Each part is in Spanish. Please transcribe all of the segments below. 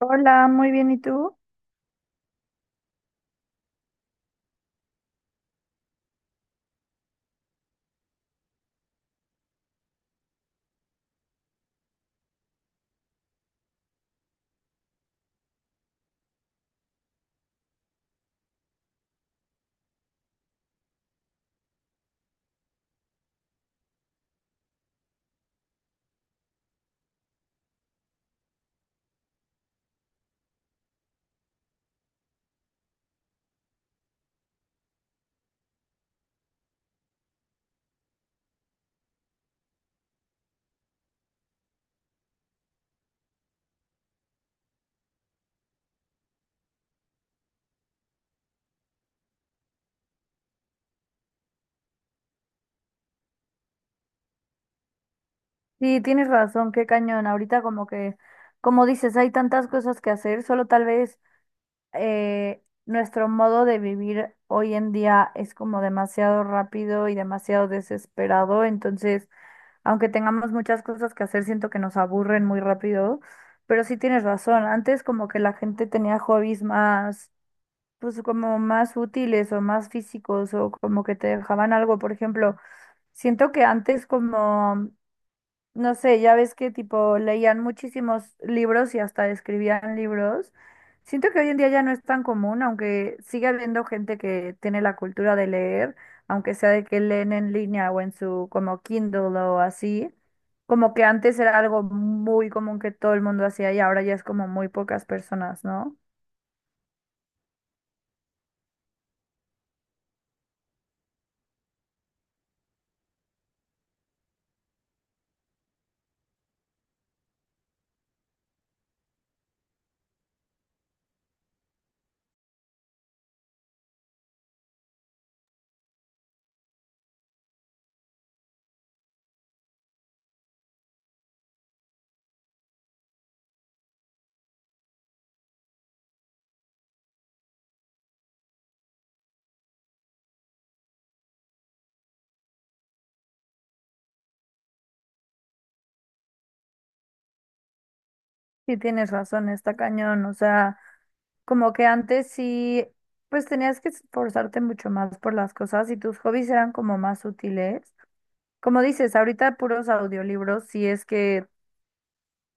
Hola, muy bien, ¿y tú? Sí, tienes razón, qué cañón. Ahorita como que, como dices, hay tantas cosas que hacer, solo tal vez nuestro modo de vivir hoy en día es como demasiado rápido y demasiado desesperado, entonces, aunque tengamos muchas cosas que hacer, siento que nos aburren muy rápido, pero sí tienes razón, antes como que la gente tenía hobbies más, pues como más útiles o más físicos o como que te dejaban algo, por ejemplo. Siento que antes como no sé, ya ves que tipo leían muchísimos libros y hasta escribían libros. Siento que hoy en día ya no es tan común, aunque sigue habiendo gente que tiene la cultura de leer, aunque sea de que leen en línea o en su como Kindle o así. Como que antes era algo muy común que todo el mundo hacía y ahora ya es como muy pocas personas, ¿no? Sí, tienes razón, está cañón. O sea, como que antes sí, pues tenías que esforzarte mucho más por las cosas y tus hobbies eran como más útiles. Como dices, ahorita puros audiolibros, si es que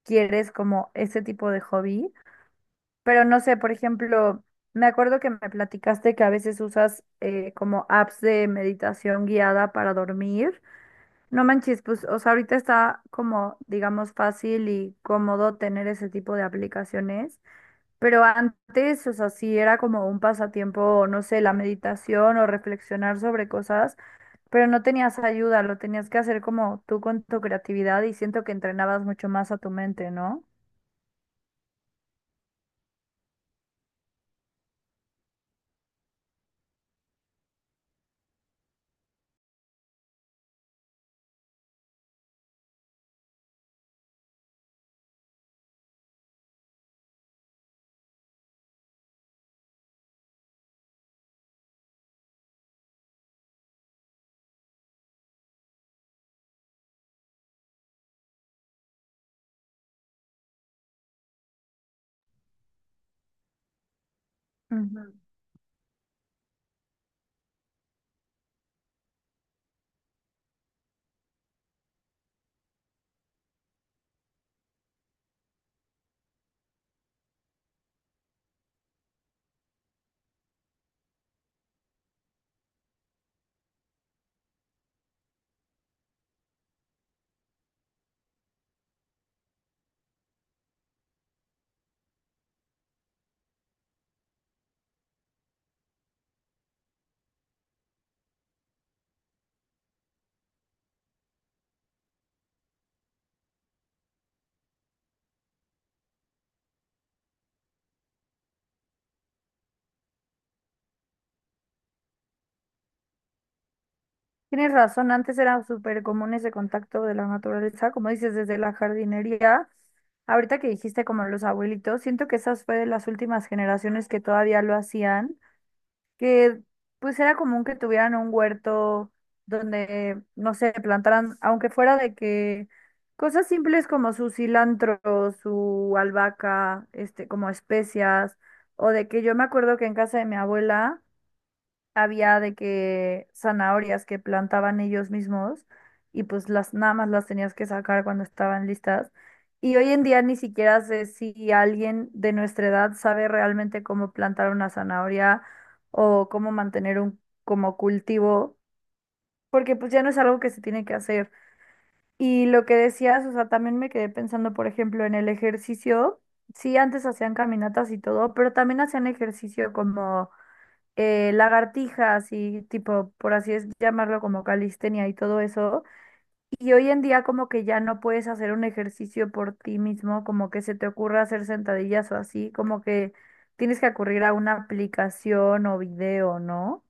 quieres como ese tipo de hobby, pero no sé, por ejemplo, me acuerdo que me platicaste que a veces usas como apps de meditación guiada para dormir. No manches, pues, o sea, ahorita está como, digamos, fácil y cómodo tener ese tipo de aplicaciones, pero antes, o sea, sí era como un pasatiempo, no sé, la meditación o reflexionar sobre cosas. Pero no tenías ayuda, lo tenías que hacer como tú con tu creatividad y siento que entrenabas mucho más a tu mente, ¿no? Ujú. Tienes razón, antes era súper común ese contacto de la naturaleza, como dices, desde la jardinería. Ahorita que dijiste como los abuelitos, siento que esas fue de las últimas generaciones que todavía lo hacían. Que pues era común que tuvieran un huerto donde, no sé, plantaran, aunque fuera de que cosas simples como su cilantro, su albahaca, este, como especias, o de que yo me acuerdo que en casa de mi abuela había de que zanahorias que plantaban ellos mismos y pues las nada más las tenías que sacar cuando estaban listas. Y hoy en día ni siquiera sé si alguien de nuestra edad sabe realmente cómo plantar una zanahoria o cómo mantener un como cultivo, porque pues ya no es algo que se tiene que hacer. Y lo que decías, o sea, también me quedé pensando, por ejemplo, en el ejercicio. Sí, antes hacían caminatas y todo, pero también hacían ejercicio como lagartijas y tipo, por así es llamarlo, como calistenia y todo eso. Y hoy en día como que ya no puedes hacer un ejercicio por ti mismo, como que se te ocurra hacer sentadillas o así, como que tienes que acudir a una aplicación o video, ¿no?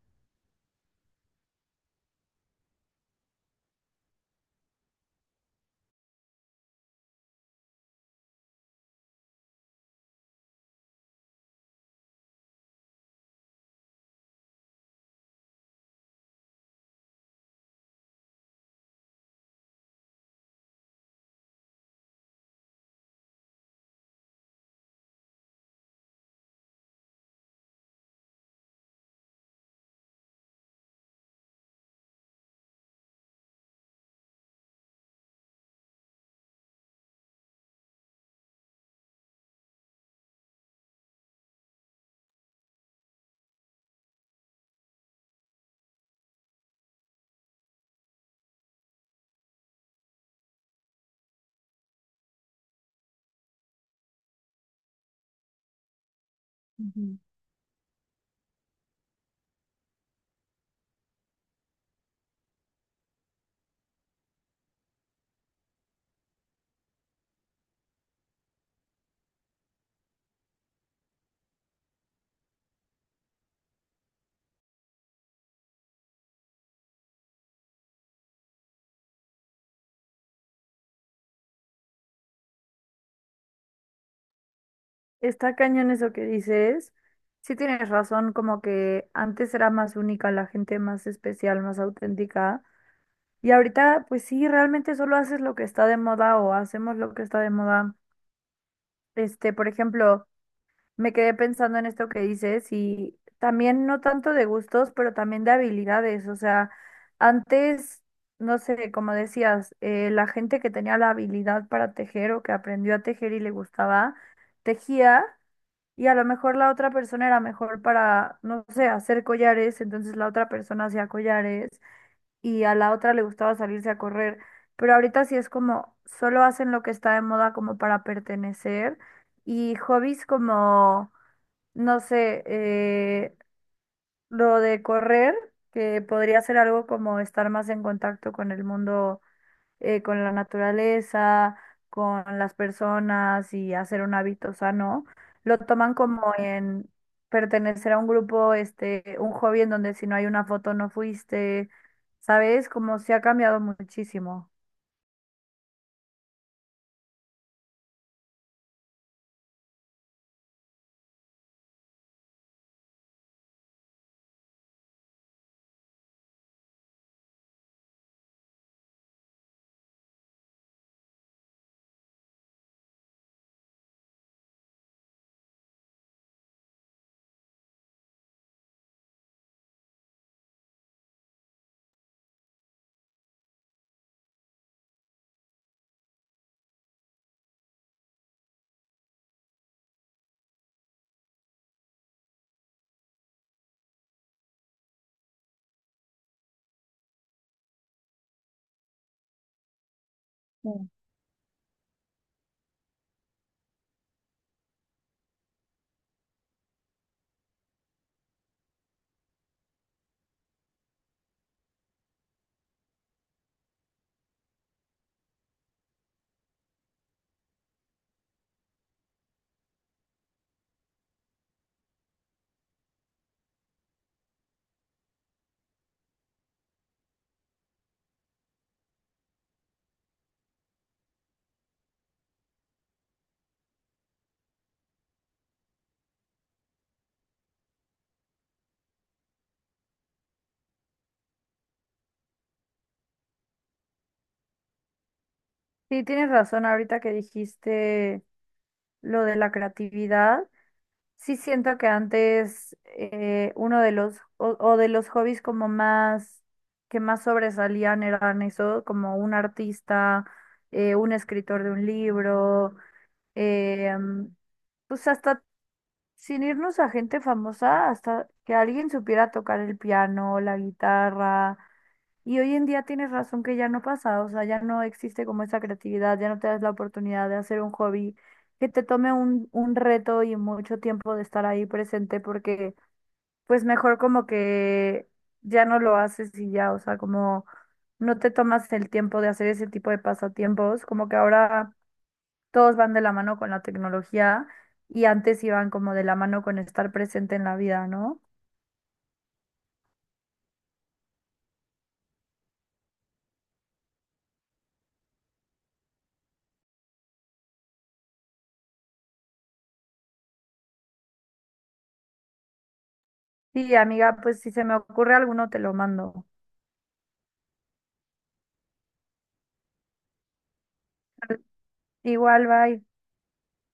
Ujú. Está cañón eso que dices. Sí, tienes razón, como que antes era más única la gente, más especial, más auténtica. Y ahorita, pues sí, realmente solo haces lo que está de moda o hacemos lo que está de moda. Este, por ejemplo, me quedé pensando en esto que dices y también no tanto de gustos, pero también de habilidades. O sea, antes, no sé, como decías, la gente que tenía la habilidad para tejer o que aprendió a tejer y le gustaba, tejía y a lo mejor la otra persona era mejor para, no sé, hacer collares, entonces la otra persona hacía collares y a la otra le gustaba salirse a correr, pero ahorita sí es como solo hacen lo que está de moda como para pertenecer y hobbies como, no sé, lo de correr, que podría ser algo como estar más en contacto con el mundo con la naturaleza, con las personas y hacer un hábito sano, lo toman como en pertenecer a un grupo, este, un hobby en donde si no hay una foto no fuiste, ¿sabes? Como se ha cambiado muchísimo. Mm. Sí, tienes razón ahorita que dijiste lo de la creatividad. Sí, siento que antes uno de los o de los hobbies como más que más sobresalían eran eso, como un artista, un escritor de un libro, eh, pues hasta sin irnos a gente famosa, hasta que alguien supiera tocar el piano, la guitarra, y hoy en día tienes razón que ya no pasa, o sea, ya no existe como esa creatividad, ya no te das la oportunidad de hacer un hobby que te tome un reto y mucho tiempo de estar ahí presente porque pues mejor como que ya no lo haces y ya, o sea, como no te tomas el tiempo de hacer ese tipo de pasatiempos, como que ahora todos van de la mano con la tecnología y antes iban como de la mano con estar presente en la vida, ¿no? Sí, amiga, pues si se me ocurre alguno te lo mando. Igual, bye.